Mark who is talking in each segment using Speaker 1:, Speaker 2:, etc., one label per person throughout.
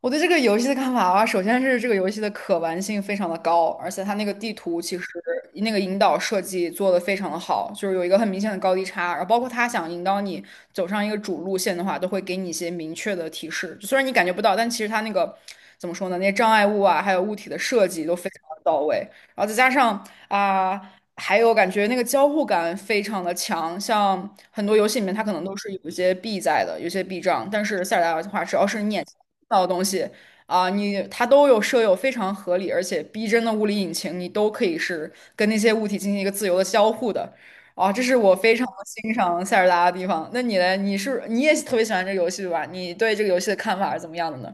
Speaker 1: 我对这个游戏的看法啊，首先是这个游戏的可玩性非常的高，而且它那个地图其实那个引导设计做的非常的好，就是有一个很明显的高低差，然后包括它想引导你走上一个主路线的话，都会给你一些明确的提示，就虽然你感觉不到，但其实它那个怎么说呢，那些障碍物啊，还有物体的设计都非常的到位，然后再加上啊。还有感觉那个交互感非常的强，像很多游戏里面它可能都是有一些币在的，有些币障，但是塞尔达的话，只要是你眼前看到的东西啊、你它都有设有非常合理而且逼真的物理引擎，你都可以是跟那些物体进行一个自由的交互的，啊，这是我非常欣赏塞尔达的地方。那你呢？你也特别喜欢这个游戏对吧？你对这个游戏的看法是怎么样的呢？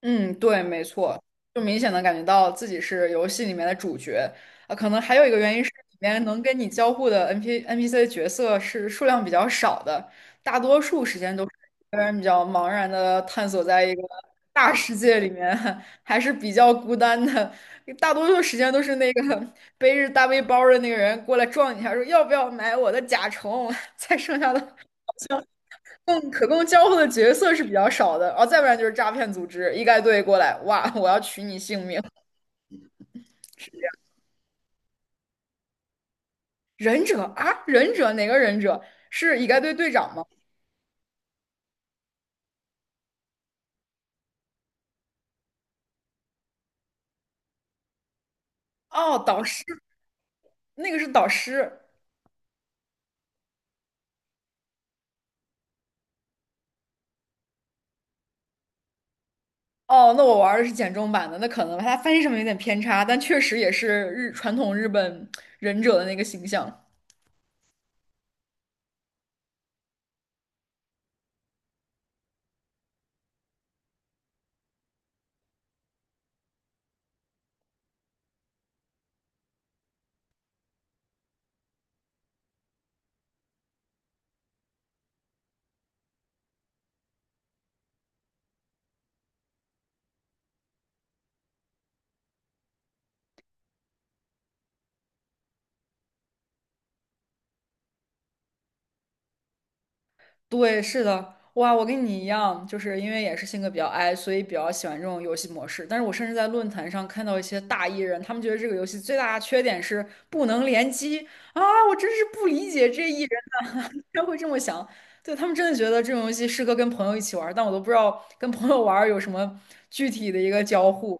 Speaker 1: 嗯，对，没错，就明显的感觉到自己是游戏里面的主角啊。可能还有一个原因是，里面能跟你交互的 N P C 角色是数量比较少的，大多数时间都是一个人比较茫然的探索在一个大世界里面，还是比较孤单的。大多数时间都是那个背着大背包儿的那个人过来撞你一下，说要不要买我的甲虫，才剩下的可供交互的角色是比较少的，然后再不然就是诈骗组织，一概队过来，哇，我要取你性命。忍者啊，忍者哪个忍者？是一概队队长吗？哦，导师，那个是导师。哦，那我玩的是简中版的，那可能他翻译上面有点偏差，但确实也是传统日本忍者的那个形象。对，是的，哇，我跟你一样，就是因为也是性格比较 i，所以比较喜欢这种游戏模式。但是我甚至在论坛上看到一些大 E 人，他们觉得这个游戏最大的缺点是不能联机啊！我真是不理解这 E 人呐，他会这么想。对，他们真的觉得这种游戏适合跟朋友一起玩儿但我都不知道跟朋友玩儿有什么具体的一个交互。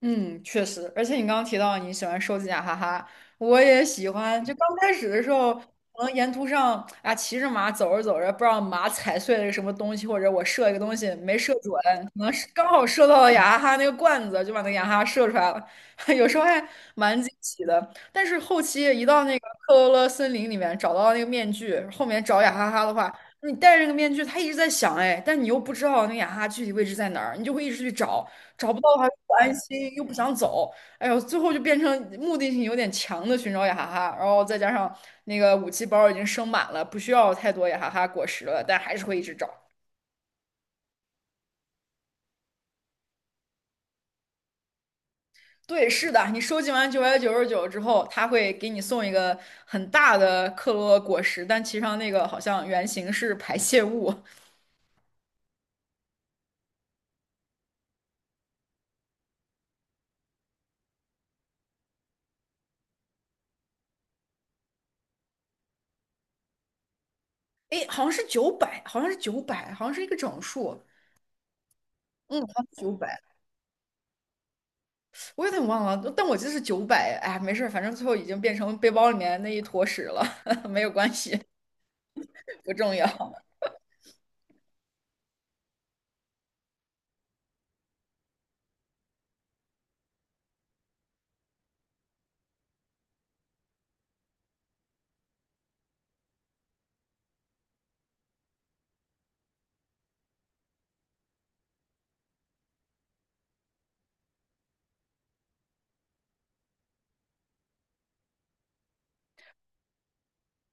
Speaker 1: 嗯，确实，而且你刚刚提到你喜欢收集雅哈哈，我也喜欢。就刚开始的时候，可能沿途上啊，骑着马走着走着，不知道马踩碎了个什么东西，或者我射一个东西没射准，可能是刚好射到了雅哈哈那个罐子，就把那个雅哈哈射出来了。有时候还蛮惊喜的。但是后期一到那个克罗勒森林里面找到那个面具，后面找雅哈哈的话，你戴着那个面具，他一直在想哎，但你又不知道那个雅哈哈具体位置在哪儿，你就会一直去找。找不到的话，又不安心，又不想走，哎呦，最后就变成目的性有点强的寻找雅哈哈，然后再加上那个武器包已经升满了，不需要太多雅哈哈果实了，但还是会一直找。对，是的，你收集完999之后，他会给你送一个很大的克洛果实，但其实上那个好像原型是排泄物，哎，好像是九百，好像是九百，好像是一个整数，嗯，好像九百。我有点忘了，但我记得是九百。哎，没事儿，反正最后已经变成背包里面那一坨屎了，没有关系，不重要。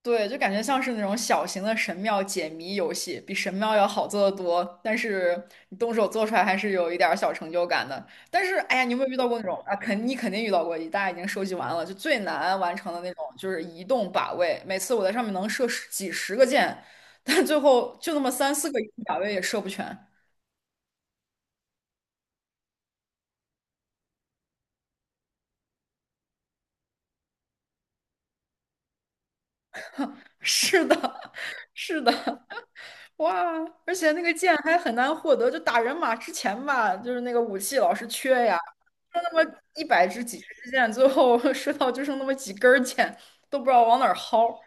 Speaker 1: 对，就感觉像是那种小型的神庙解谜游戏，比神庙要好做得多。但是你动手做出来还是有一点儿小成就感的。但是，哎呀，你有没有遇到过那种啊？你肯定遇到过，大家已经收集完了，就最难完成的那种，就是移动靶位。每次我在上面能射十几个箭，但最后就那么三四个移动靶位也射不全。是的，是的。哇，而且那个剑还很难获得，就打人马之前吧，就是那个武器老是缺呀，就那么100支、几十支箭，最后 射到就剩那么几根儿箭，都不知道往哪儿薅。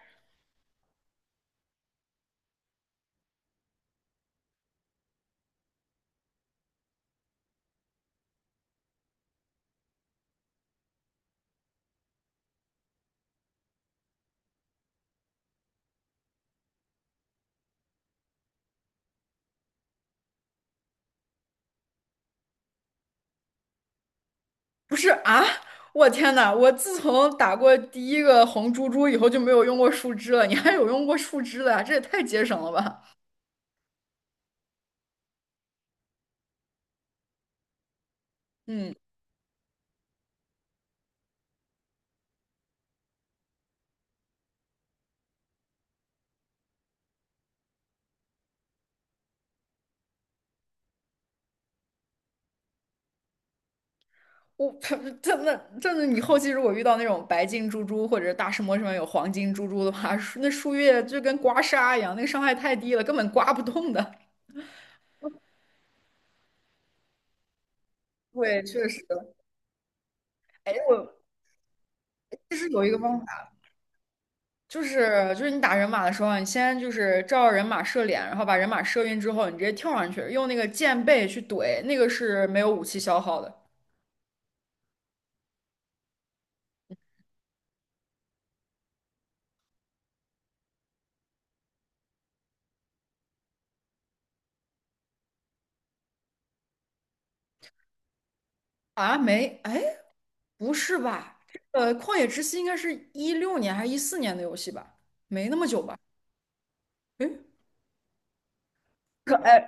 Speaker 1: 不是啊，我天呐，我自从打过第一个红猪猪以后就没有用过树枝了，你还有用过树枝的呀？这也太节省了吧？嗯。我 他真的真的，你后期如果遇到那种白金猪猪或者大石磨上面有黄金猪猪的话，树那树叶就跟刮痧一样，那个伤害太低了，根本刮不动的。对，确实。哎，我其实有一个方法，就是你打人马的时候啊，你先就是照人马射脸，然后把人马射晕之后，你直接跳上去，用那个箭背去怼，那个是没有武器消耗的。啊，没，哎，不是吧？这个《旷野之息》应该是16年还是14年的游戏吧？没那么久吧？可哎，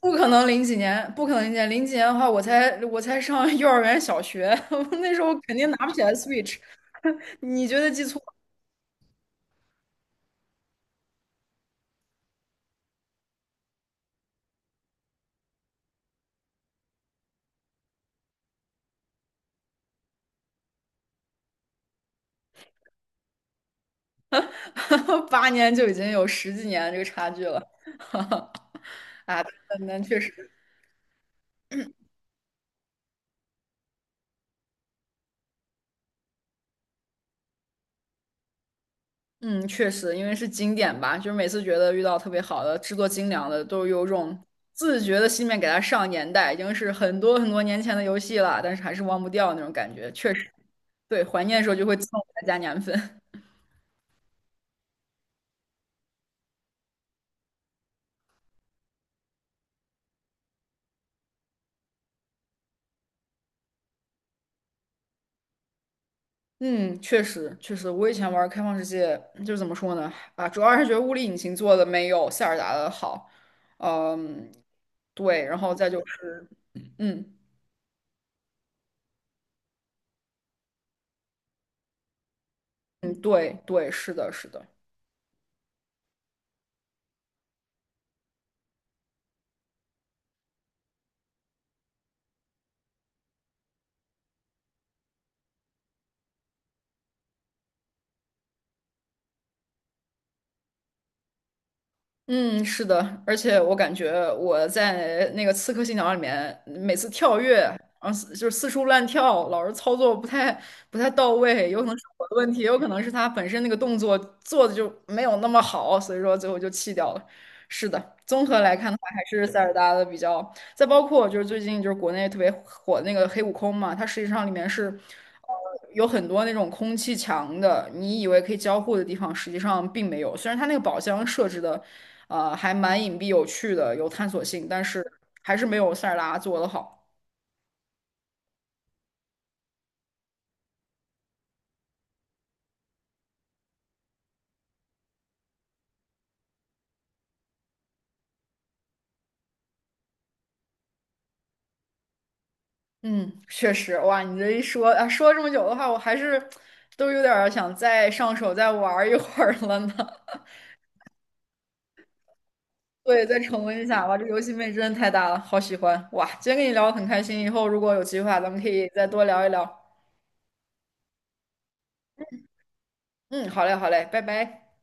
Speaker 1: 不可能零几年，不可能零几年，零几年的话，我才上幼儿园、小学，我那时候肯定拿不起来 Switch。你绝对记错了，8年就已经有十几年这个差距了。啊，那确实，嗯，确实，因为是经典吧，就是每次觉得遇到特别好的、制作精良的，都有种自觉的心愿给它上年代，已经是很多很多年前的游戏了，但是还是忘不掉那种感觉。确实，对，怀念的时候就会自动给它加年份。嗯，确实确实，我以前玩开放世界，就是怎么说呢？啊，主要还是觉得物理引擎做的没有塞尔达的好。嗯，对，然后再就是，嗯嗯，对对，是的，是的。嗯，是的，而且我感觉我在那个《刺客信条》里面，每次跳跃，然后四就是四处乱跳，老是操作不太到位，有可能是我的问题，也有可能是他本身那个动作做的就没有那么好，所以说最后就弃掉了。是的，综合来看的话，还是塞尔达的比较，再包括就是最近就是国内特别火的那个黑悟空嘛，它实际上里面是。呃有很多那种空气墙的，你以为可以交互的地方，实际上并没有。虽然它那个宝箱设置的，还蛮隐蔽有趣的，有探索性，但是还是没有塞尔达做的好。嗯，确实，哇，你这一说啊，说了这么久的话，我还是都有点儿想再上手再玩儿一会儿了呢。对，再重温一下，哇，这游戏魅力真的太大了，好喜欢！哇，今天跟你聊得很开心，以后如果有机会啊，咱们可以再多聊一聊。嗯，好嘞，好嘞，拜拜。